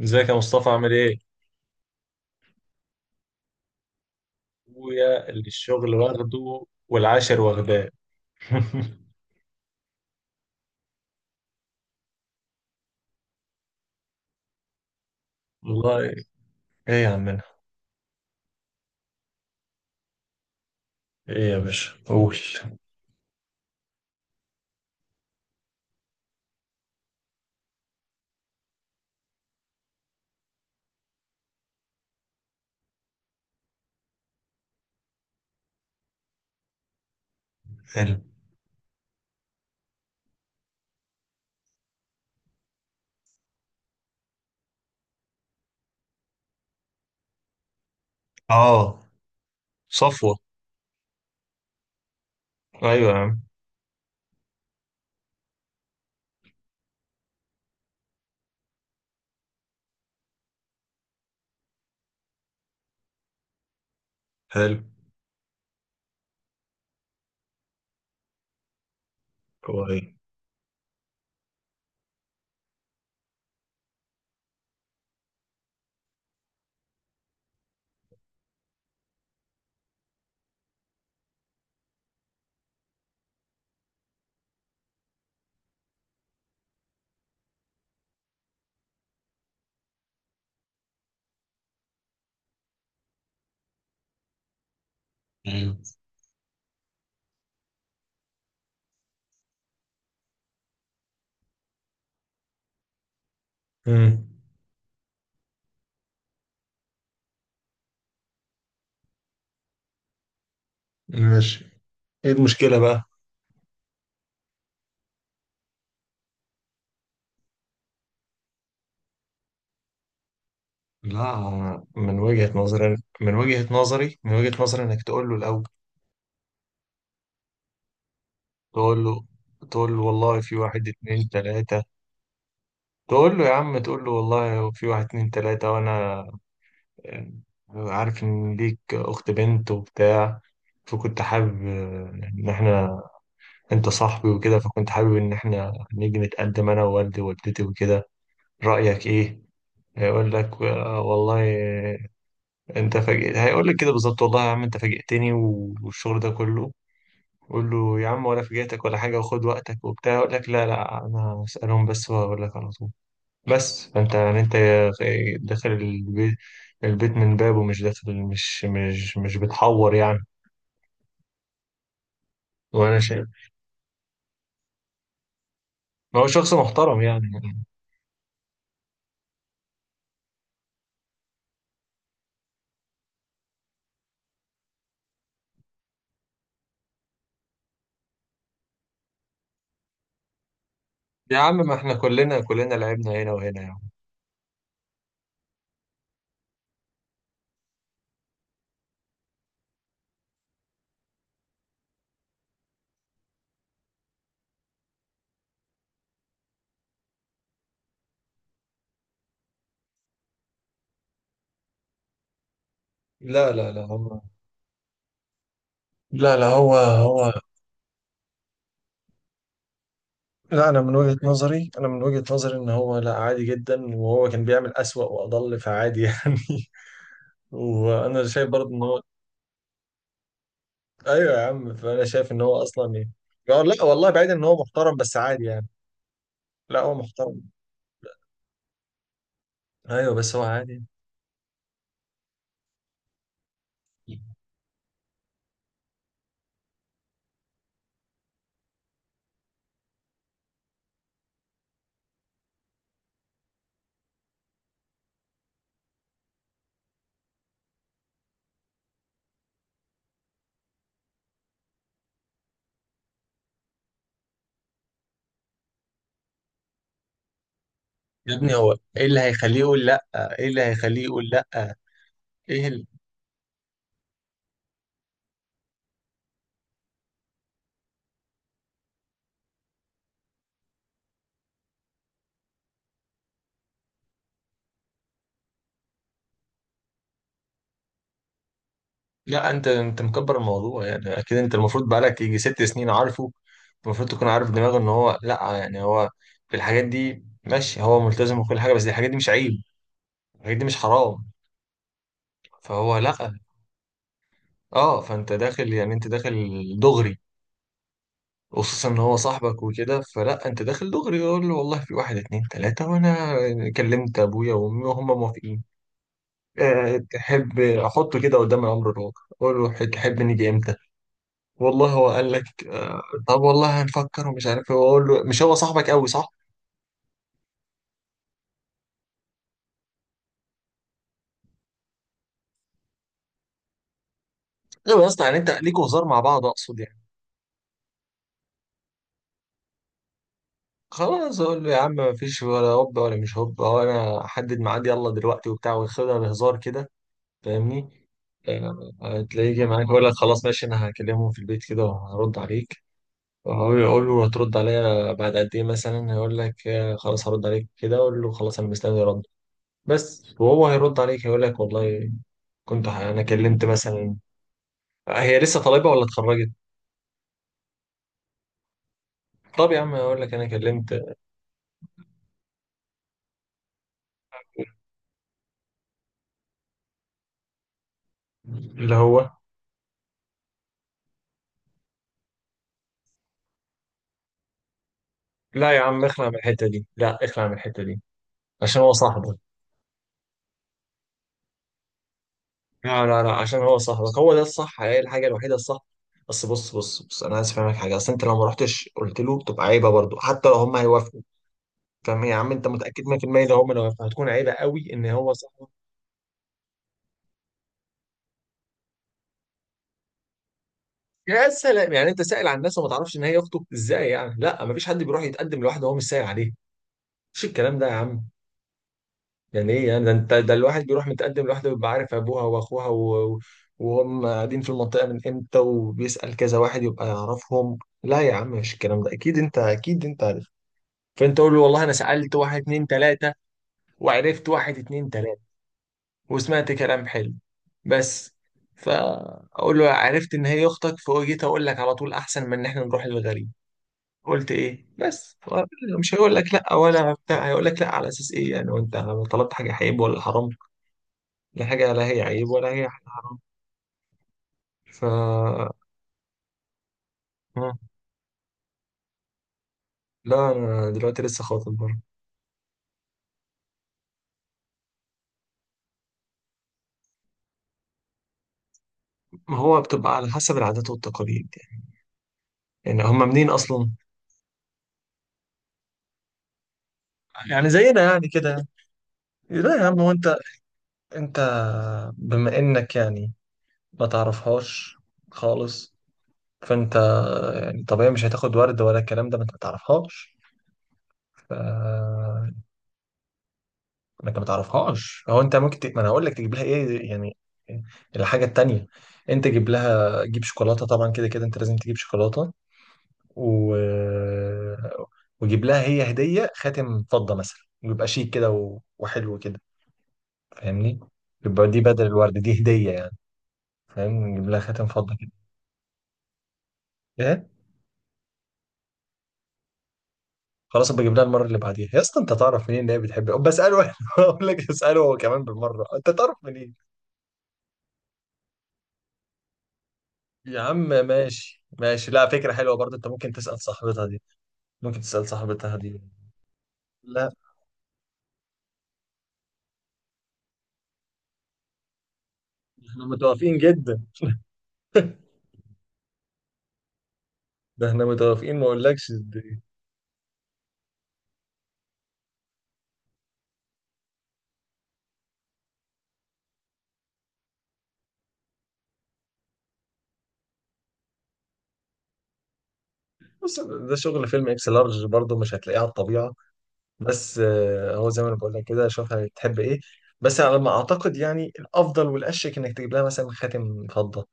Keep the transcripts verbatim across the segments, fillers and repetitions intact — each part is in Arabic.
ازيك يا مصطفى؟ عامل ايه؟ اخويا اللي الشغل واخده والعاشر واخداه. والله. ايه يا عمنا؟ ايه يا باشا؟ قول. حلو. اه. صفوة. ايوه يا عم. حلو. كويس. حلو. امم. ماشي. ايه المشكلة بقى؟ لا، من وجهة نظري، من وجهة نظري من وجهة نظري انك تقول له الاول. تقول له تقول له والله في واحد اتنين تلاتة. تقول له يا عم، تقول له والله في واحد اتنين تلاتة، وانا يعني عارف إن ليك أخت بنت وبتاع، فكنت حابب، آه، إن إحنا، أنت صاحبي وكده، فكنت حابب إن إحنا نيجي نتقدم أنا ووالدي ووالدتي وكده. رأيك إيه؟ هيقول لك آه والله، آه، أنت فاجئت. هيقول لك كده بالظبط: والله يا عم أنت فاجئتني، و- والشغل ده كله. قول له يا عم، ولا فاجئتك ولا حاجة، وخد وقتك وبتاع. يقول لك لا لا، أنا هسألهم بس وأقول لك على طول. بس فانت يعني انت داخل البيت، البيت من بابه، مش داخل، مش مش مش بتحور يعني. وانا شايف ما هو شخص محترم يعني. يا عم ما احنا كلنا كلنا لعبنا هنا وهنا يعني. لا لا لا هم. لا لا هو هو. لا انا من وجهة نظري، انا من وجهة نظري ان هو لا، عادي جدا، وهو كان بيعمل اسوأ واضل، فعادي يعني. وانا شايف برضه ان هو، ايوه يا عم، فانا شايف ان هو اصلا ايه. لا والله، بعيد، ان هو محترم بس عادي يعني. لا هو محترم. ايوه بس هو عادي. يا ابني هو ايه اللي هيخليه يقول لا؟ ايه اللي هيخليه يقول لا ايه اللي... لا انت انت مكبر الموضوع يعني. اكيد انت المفروض بقالك يجي ست سنين عارفه. المفروض تكون عارف دماغه ان هو لا يعني. هو في الحاجات دي ماشي، هو ملتزم وكل حاجه، بس دي الحاجات دي مش عيب، الحاجات دي مش حرام. فهو لا. اه، فانت داخل يعني، انت داخل دغري. خصوصا ان هو صاحبك وكده، فلا، انت داخل دغري. يقول له والله في واحد اتنين تلاته، وانا كلمت ابويا وامي وهم موافقين. آه، تحب احطه كده قدام الامر الواقع؟ اقول له ح- تحب نيجي امتى؟ والله هو قال لك آه، طب والله هنفكر ومش عارف ايه. واقول له: مش هو صاحبك قوي؟ صح. ايوه يا اسطى، يعني انت ليكوا هزار مع بعض، اقصد يعني. خلاص، اقول له يا عم ما فيش ولا هوب ولا مش هوب، هو انا احدد ميعاد يلا دلوقتي وبتاع، وياخدها بهزار كده. فاهمني. آه، تلاقيه جه معاك يقول لك خلاص ماشي، انا هكلمهم في البيت كده وهرد عليك. هو يقول له هترد عليا بعد قد ايه مثلا؟ هيقول لك آه خلاص، هرد عليك كده. اقول له خلاص انا مستني رد بس. وهو هيرد عليك هيقول لك والله، كنت ح- انا كلمت مثلا. هي لسه طالبه ولا اتخرجت؟ طب يا عم هقول لك انا كلمت. اللي هو لا يا عم، اخلع من الحته دي، لا اخلع من الحته دي، عشان هو صاحبك. لا لا لا، عشان هو صاحبك، هو ده الصح، هي الحاجه الوحيده الصح. بس بص بص بص، انا عايز افهمك حاجه. اصل انت لو ما رحتش قلت له، تبقى عيبه برضه، حتى لو هم هيوافقوا. فاهم يا عم؟ انت متاكد مية بالمية، لو هم لو هيوافقوا، هتكون عيبه قوي ان هو صاحبك. يا سلام، يعني انت سائل عن الناس، وما تعرفش ان هي اخته؟ ازاي يعني؟ لا، ما فيش حد بيروح يتقدم لوحده وهو مش سائل عليه. مش الكلام ده يا عم. يعني ايه يعني ده؟ انت ده، الواحد بيروح متقدم لوحده بيبقى عارف ابوها واخوها و... وهم قاعدين في المنطقه من امتى، وبيسال كذا واحد يبقى يعرفهم. لا يا عم، مش الكلام ده. اكيد انت، اكيد انت عارف. فانت قول له والله انا سالت واحد اتنين تلاته، وعرفت واحد اتنين تلاته، وسمعت كلام حلو بس. فاقول له عرفت ان هي اختك، فجيت اقول لك على طول، احسن من ان احنا نروح للغريب. قلت ايه بس؟ هو مش هيقول لك لا ولا بتاع. هيقول لك لا على اساس ايه يعني؟ وانت طلبت حاجه عيب ولا حرام؟ لا حاجه لا هي عيب ولا هي حرام. ف آه. لا انا دلوقتي لسه خاطب برضه. ما هو بتبقى على حسب العادات والتقاليد يعني. يعني هم منين اصلا؟ يعني زينا يعني كده. لا يا عم، هو انت، انت بما انك يعني ما تعرفهاش خالص، فانت يعني طبيعي مش هتاخد ورد ولا الكلام ده، ما انت ما تعرفهاش. ف انك ما تعرفهاش، هو انت ممكن ت... ما انا هقول لك تجيب لها ايه يعني. الحاجه التانيه، انت جيب لها، جيب شوكولاته، طبعا كده كده انت لازم تجيب شوكولاته، و... وجيب لها هي هديه، خاتم فضه مثلا، ويبقى شيك كده، و... وحلو كده. فاهمني؟ يبقى دي بدل الورد، دي هديه يعني. فاهم؟ نجيب لها خاتم فضه كده. ايه؟ خلاص ابقى اجيب لها المره اللي بعديها يا اسطى. انت تعرف منين ان هي بتحب؟ بساله. اقول لك، اساله هو كمان بالمره. انت تعرف منين؟ يا عم ماشي ماشي، لا، فكرة حلوة برضه. انت ممكن تسأل صاحبتها دي ممكن تسأل صاحبتها دي لا، احنا متوافقين جدا. ده احنا متوافقين ما اقولكش. دي بص، ده شغل فيلم اكس لارج برضه، مش هتلاقيه على الطبيعة. بس آه، هو زي ما انا بقول لك كده، شوف هتحب ايه. بس على ما اعتقد يعني، الافضل والاشيك انك تجيب لها مثلا خاتم فضة.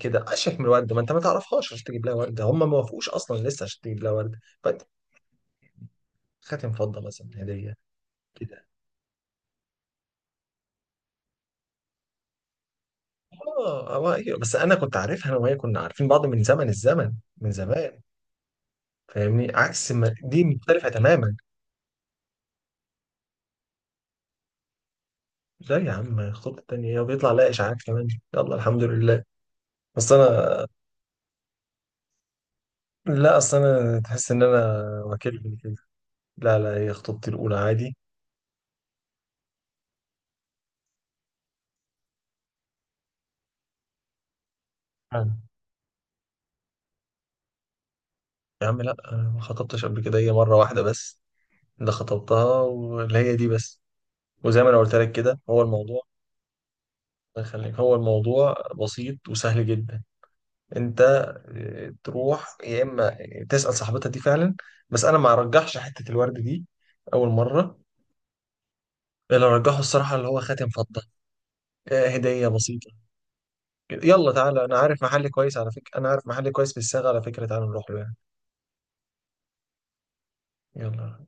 كده اشيك من الورد، ما انت ما تعرفهاش عشان تجيب لها ورد. هم ما وافقوش اصلا لسه عشان تجيب لها ورد، فانت خاتم فضة مثلا، هدية كده. اه آه، أيوة. بس انا كنت عارفها، انا وهي كنا عارفين بعض من زمن الزمن، من زمان. فاهمني؟ عكس ما دي، مختلفة تماما. لا يا عم، الخطوة التانية هي بيطلع لها إشاعات كمان. يلا الحمد لله. بس أنا، لا أصل أنا تحس إن أنا وكيل كده. لا لا، هي خطوبتي الأولى عادي. مم. يا عم لا، أنا ما خطبتش قبل كده، هي مرة واحدة بس، اللي خطبتها واللي هي دي بس. وزي ما أنا قلت لك كده، هو الموضوع، الله يخليك، هو الموضوع بسيط وسهل جدا. أنت آه، تروح يا إما تسأل صاحبتها دي فعلا. بس أنا ما أرجحش حتة الورد دي أول مرة. اللي رجحه الصراحة اللي هو خاتم فضة. آه، هدية بسيطة كده. يلا تعالى، أنا عارف محل كويس على فكرة، أنا عارف محل كويس في الصاغة على فكرة، تعالى نروح له يعني. يلا.